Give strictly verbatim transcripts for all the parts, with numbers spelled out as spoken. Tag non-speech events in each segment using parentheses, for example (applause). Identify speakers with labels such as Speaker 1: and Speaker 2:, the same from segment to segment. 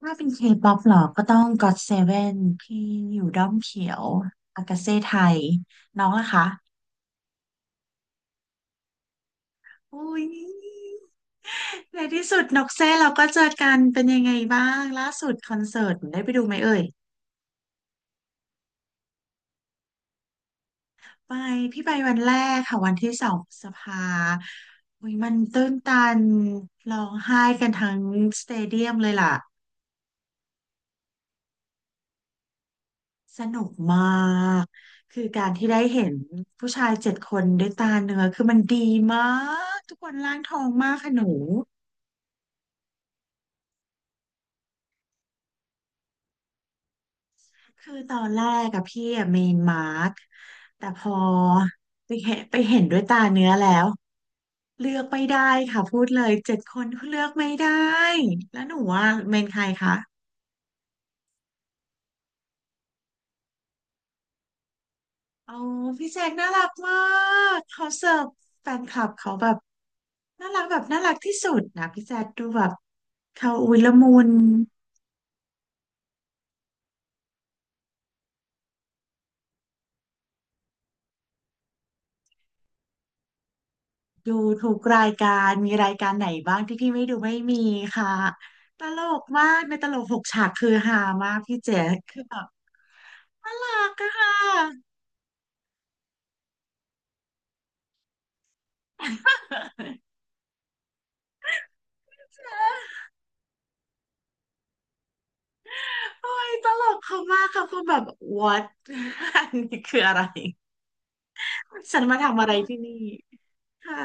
Speaker 1: ถ้าเป็นเคป๊อปหรอก็ต้องก็ o ตเซเว่นที่อยู่ด้อมเขียวอากาเซ่ไทยน้องล่ะคะอุ้ยในที่สุดนกเซ่เราก็เจอกันเป็นยังไงบ้างล่าสุดคอนเสิร์ตได้ไปดูไหมเอ่ยไปพี่ไปวันแรกค่ะวันที่สองพฤษภาอุ้ยมันตื้นตันร้องไห้กันทั้งสเตเดียมเลยล่ะ สนุกมากคือการที่ได้เห็นผู้ชายเจ็ดคนด้วยตาเนื้อคือมันดีมากทุกคนร่างทองมากค่ะหนูคือตอนแรกกับพี่อะเมนมาร์คแต่พอไปเห็นไปเห็นด้วยตาเนื้อแล้วเลือกไม่ได้ค่ะพูดเลยเจ็ดคนเลือกไม่ได้แล้วหนูว่าเมนใครคะโอ้พี่แจคน่ารักมากเขาเสิร์ฟแฟนคลับเขาแบบน่ารักแบบน่ารักที่สุดนะพี่แจคดูแบบเขาอุ้ยละมุน ดูทุกรายการมีรายการไหนบ้างที่พี่ไม่ดูไม่มีค่ะตลกมากในตลกหกฉากคือฮามากพี่เจ๊คือแบบน่ารักอะค่ะโอ้ยตลกเขามากค่ะคือแบบ what (laughs) อันนี้คืออะไรฉันมาทำอะไรที่นี่ค่ะ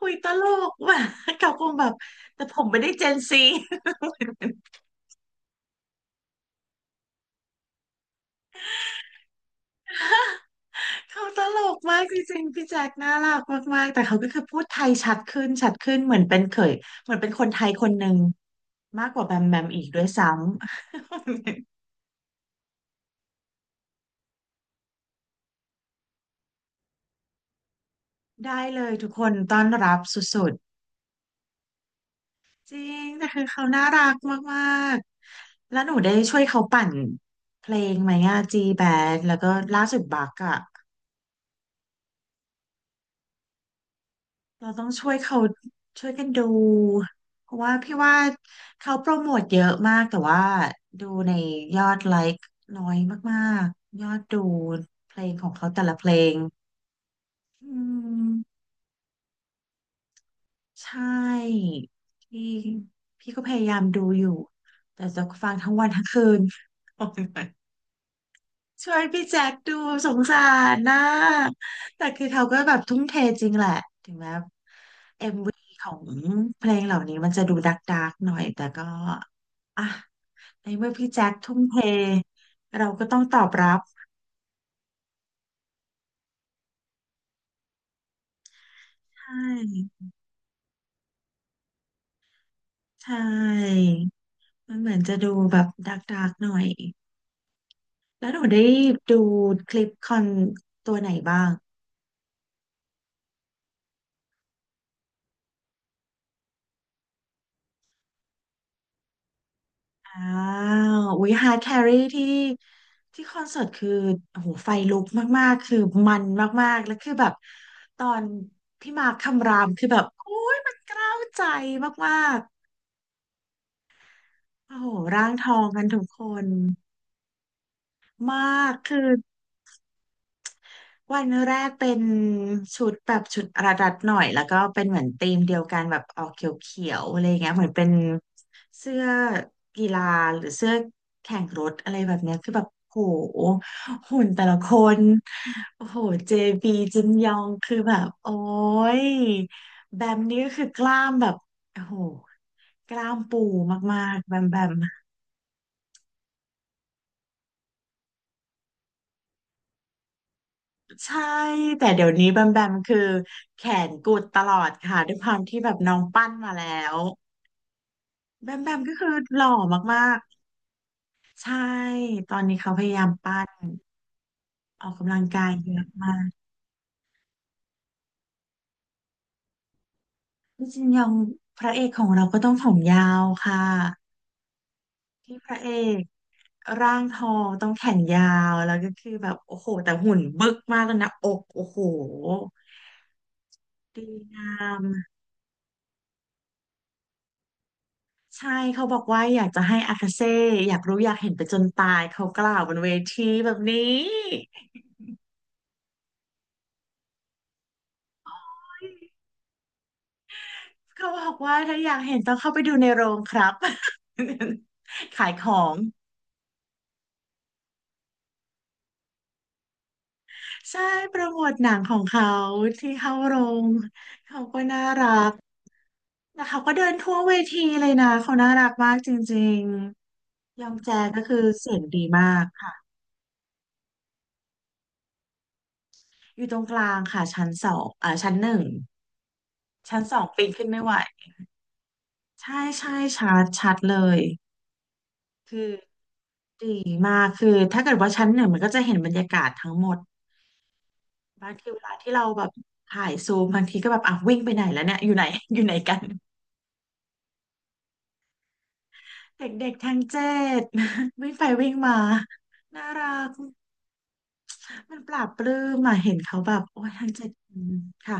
Speaker 1: อุ้ยตลกว่ะเขาคงแบบแต่ผมไม่ได้เจนซี เขาตลกมากจริงๆพี่แจ็คน่ารักมากๆแต่เขาก็คือพูดไทยชัดขึ้นชัดขึ้นเหมือนเป็นเคยเหมือนเป็นคนไทยคนหนึ่งมากกว่าแบมแบมอีกด้วยซ้ำ (laughs) ได้เลยทุกคนต้อนรับสุดๆจริงแต่คือเขาน่ารักมากๆแล้วหนูได้ช่วยเขาปั่นเพลงไหมอะจีแบนแล้วก็ล่าสุดบักอะ เราต้องช่วยเขาช่วยกันดูเพราะว่าพี่ว่าเขาโปรโมทเยอะมากแต่ว่าดูในยอดไลค์น้อยมากๆยอดดูเพลงของเขาแต่ละเพลงอืมใช่พี่พี่ก็พยายามดูอยู่แต่จะฟังทั้งวันทั้งคืนช่วยพี่แจ็คดูสงสารนะแต่คือเขาก็แบบทุ่มเทจริงแหละถึงแม้ ของเพลงเหล่านี้มันจะดูดักดักหน่อยแต่ก็อ่ะในเมื่อพี่แจ็คทุ่มเทเราก็ต้องตอบรับใช่ใช่มันเหมือนจะดูแบบดักดักหน่อยแล้วหนูได้ดูคลิปคอนตัวไหนบ้างอ้าวอุ้ยฮาร์ดแครี่ที่ที่คอนเสิร์ตคือโอ้โหไฟลุกมากๆคือมันมากๆแล้วคือแบบตอนพี่มาร์คคำรามคือแบบโอ้ยมันเกล้าวใจมากๆ โอ้โหร่างทองกันทุกคนมาก คือวันแรกเป็นชุดแบบชุดระดัดหน่อยแล้วก็เป็นเหมือนธีมเดียวกันแบบออกเขียวๆอะไรเงี้ยเหมือนเป็นเสื้อกีฬาหรือเสื้อแข่งรถอะไรแบบเนี้ยคือแบบโหหุ่นแต่ละคนโอ้โหเจบีจินยองคือแบบโอ้ยแบมนี่ก็คือกล้ามแบบโอ้โหกล้ามปูมากๆแบมแบม ใช่แต่เดี๋ยวนี้แบมแบมคือแขนกุดตลอดค่ะด้วยความที่แบบน้องปั้นมาแล้วแบมแบมก็คือหล่อมากๆใช่ตอนนี้เขาพยายามปั้นออกกำลังกายเยอะมากพี่จินยองพระเอกของเราก็ต้องผมยาวค่ะพี่พระเอกร่างทองต้องแขนยาวแล้วก็คือแบบโอ้โหแต่หุ่นบึกมากแล้วนะอกโอ้โหดีงาม ใช่เขาบอกว่าอยากจะให้อากาเซ่อยากรู้อยากเห็นไปจนตายเขากล่าวบนเวทีแบบนี้เขาบอกว่าถ้าอยากเห็นต้องเข้าไปดูในโรงครับ (laughs) ขายของใช่โปรโมทหนังของเขาที่เข้าโรงเขาก็น่ารักแล้วเขาก็เดินทั่วเวทีเลยนะเขาน่ารักมากจริงๆยองแจก็คือเสียงดีมากค่ะอยู่ตรงกลางค่ะชั้นสองอ่าชั้นหนึ่งชั้นสองปีนขึ้นไม่ไหว ใช่ใช่ชัดชัดเลยคือดีมากคือถ้าเกิดว่าชั้นหนึ่งมันก็จะเห็นบรรยากาศทั้งหมดบางทีเวลาที่เราแบบถ่ายซูมบางทีก็แบบอ่ะวิ่งไปไหนแล้วเนี่ยอยู่ไหน (laughs) อยู่ไหนกันเด็กๆทั้งเจ็ด (laughs) วิ่งไปวิ่งมาน่ารักมันปลาบปลื้มมาเห็นเขาแบบโอ้ยทั้งเจ็ดคนค่ะ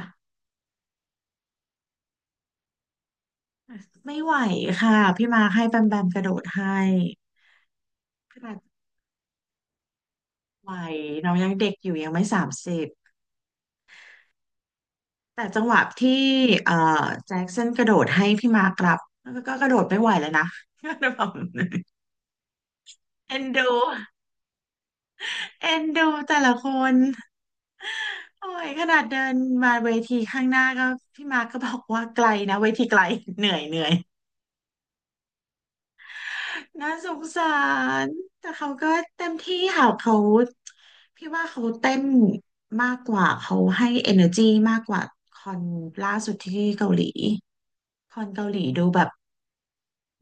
Speaker 1: ไม่ไหวค่ะพี่มาร์คให้แบมแบมกระโดดให้ขนาดไหวน้องยังเด็กอยู่ยังไม่สามสิบ แต่จังหวะที่เอ่อแจ็คสันกระโดดให้พี่มาร์กรับแล้วก็กระโดดไม่ไหวแล้วนะ (laughs) แบบเอ็นดูเอ็นดูแต่ละคนโอ้ยขนาดเดินมาเวทีข้างหน้าก็พี่มาร์กก็บอกว่าไกลนะเวทีไกลเหนื่อยเหนื่อยน่าสงสารแต่เขาก็เต็มที่ค่ะเขาพี่ว่าเขาเต้นมากกว่าเขาให้ energy มากกว่าคอนล่าสุดที่เกาหลีคอนเกาหลีดูแบบ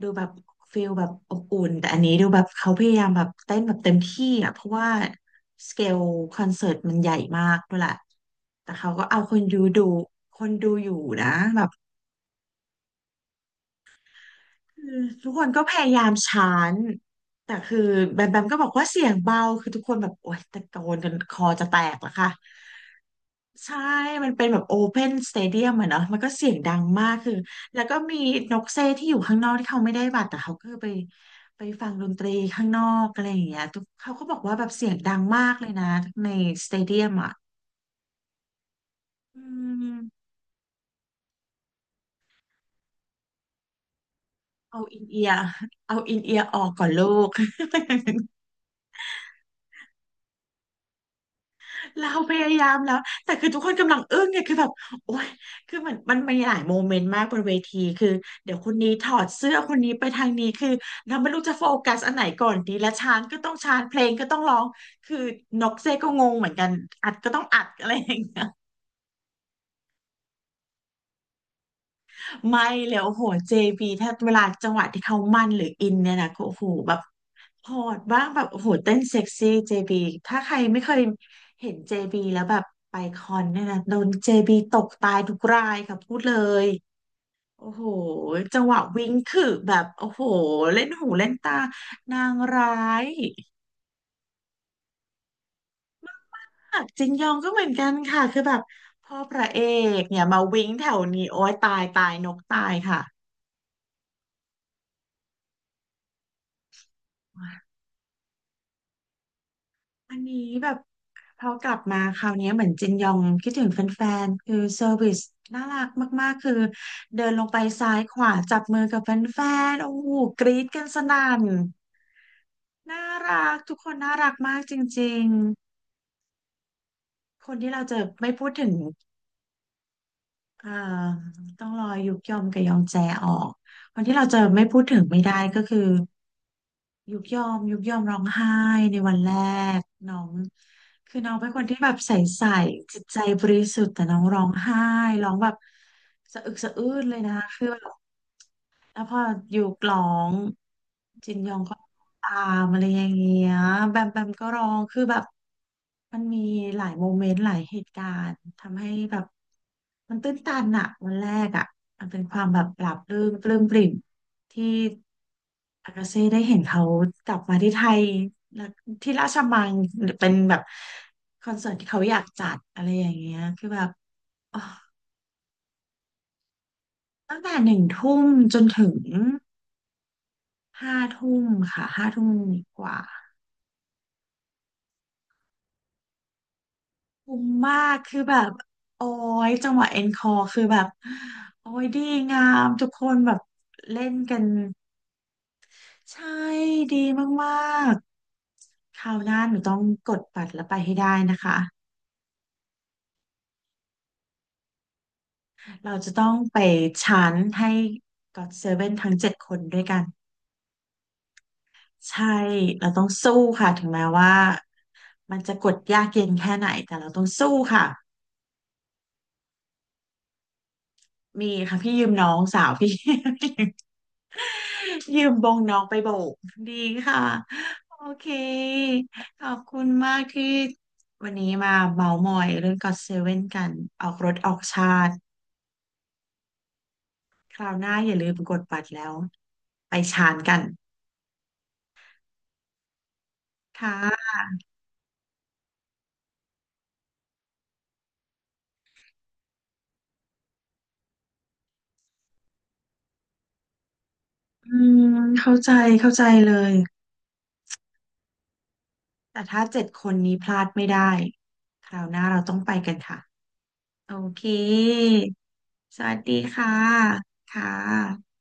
Speaker 1: ดูแบบฟิลแบบอบอุ่นแต่อันนี้ดูแบบเขาพยายามแบบเต้นแบบเต็มที่อ่ะเพราะว่าสเกลคอนเสิร์ตมันใหญ่มากด้วยแหละแต่เขาก็เอาคนดูดูคนดูอยู่นะแบบคือทุกคนก็พยายามชานแต่คือแบมแบมก็บอกว่าเสียงเบาคือทุกคนแบบโอ๊ยตะโกนกันคอจะแตกแล้วค่ะ ใช่ มันเป็นแบบโอเพนสเตเดียมอะเนาะมันก็เสียงดังมากคือแล้วก็มีนกเซที่อยู่ข้างนอกที่เขาไม่ได้บัตรแต่เขาก็ไปไปฟังดนตรีข้างนอกอะไรอย่างเงี้ยทุกเขาก็บอกว่าแบบเสียงดังมากเลยนะในสเตเดียมอะอืมเอาอินเอียร์เอาอินเอียร์ออกก่อนลูก เราพยายามแล้วแต่คือทุกคนกำลังอึ้งเนี่ยคือแบบโอ๊ยคือมันมันมีหลายโมเมนต์มากบนเวทีคือเดี๋ยวคนนี้ถอดเสื้อคนนี้ไปทางนี้คือเราไม่รู้จะโฟกัสอันไหนก่อนดีและชานก็ต้องชานเพลงก็ต้องร้องคือนกเซก็งงเหมือนกันอัดก็ต้องอัดอะไรอย่าง ไม่เลยโอ้โหเจบีถ้าเวลาจังหวะที่เขามันหรืออินเนี่ยนะโอ้โหแบบโอดบ้างแบบโอ้โหเต้นเซ็กซี่เจบีถ้าใครไม่เคยเห็นเจบีแล้วแบบไปคอนเนี่ยนะโดนเจบีตกตายทุกรายค่ะพูดเลยโอ้โหจังหวะวิ่งคือแบบโอ้โหเล่นหูเล่นตานางร้ายหักจินยองก็เหมือนกันค่ะคือแบบพ่อพระเอกเนี่ยมาวิ่งแถวนี้โอ้ยตายตายนกตายค่ะ อันนี้แบบพอกลับมาคราวนี้เหมือนจินยองคิดถึงแฟนๆคือเซอร์วิสน่ารักมากๆคือเดินลงไปซ้ายขวาจับมือกับแฟนๆโอ้โหกรี๊ดกันสนั่นน่ารักทุกคนน่ารักมากจริงๆคนที่เราเจอไม่พูดถึงเอ่อต้องรอยุกยอมกับยองแจออกคนที่เราเจอไม่พูดถึงไม่ได้ก็คือ ยุกยอมยุกยอมร้องไห้ในวันแรกน้องคือน้องเป็นคนที่แบบใสใสจิตใจบริสุทธิ์แต่น้องร้องไห้ร้องแบบสะอึกสะอื้นเลยนะคะคือแบบ แล้วพออยู่กล้องจินยองก็ตามอะไรอย่างเงี้ยแบมแบมก็ร้องคือแบบมันมีหลายโมเมนต์หลายเหตุการณ์ทำให้แบบมันตื้นตันอะวันแรกอะมันเป็นความแบบปลาบปลื้มปลื้มปริ่มที่อากาเซ่ได้เห็นเขากลับมาที่ไทยแล้วที่ราชมังหรือเป็นแบบคอนเสิร์ตที่เขาอยากจัดอะไรอย่างเงี้ยคือแบบอ๋อตั้งแต่หนึ่งทุ่มจนถึง ห้าทุ่มค่ะห้าทุ่มกว่าคุ้มมากคือแบบโอ้ยจังหวะเอ็นคอคือแบบโอ้ยดีงามทุกคนแบบเล่นกันใช่ดีมากๆคราวหน้าหนูต้องกดบัตรแล้วไปให้ได้นะคะเราจะต้องไปชั้นให้ก็อดเซเว่นทั้งเจ็ดคนด้วยกันใช่เราต้องสู้ค่ะถึงแม้ว่ามันจะกดยากเย็นแค่ไหนแต่เราต้องสู้ค่ะมีค่ะพี่ยืมน้องสาวพี่ (laughs) ยืมบงน้องไปโบกดีค่ะโอเคขอบคุณมากที่วันนี้มาเมามอยเรื่องก็อตเซเว่นกันออกรถออกชาติคราวหน้าอย่าลืมกดบัตรแล้วไปชานกันค่ะอืมเข้าใจเข้าใจเลยแต่ถ้าเจ็ดคนนี้พลาดไม่ได้คราวหน้าเราต้องไปกันค่ะโอเคสวัสดีค่ะค่ะ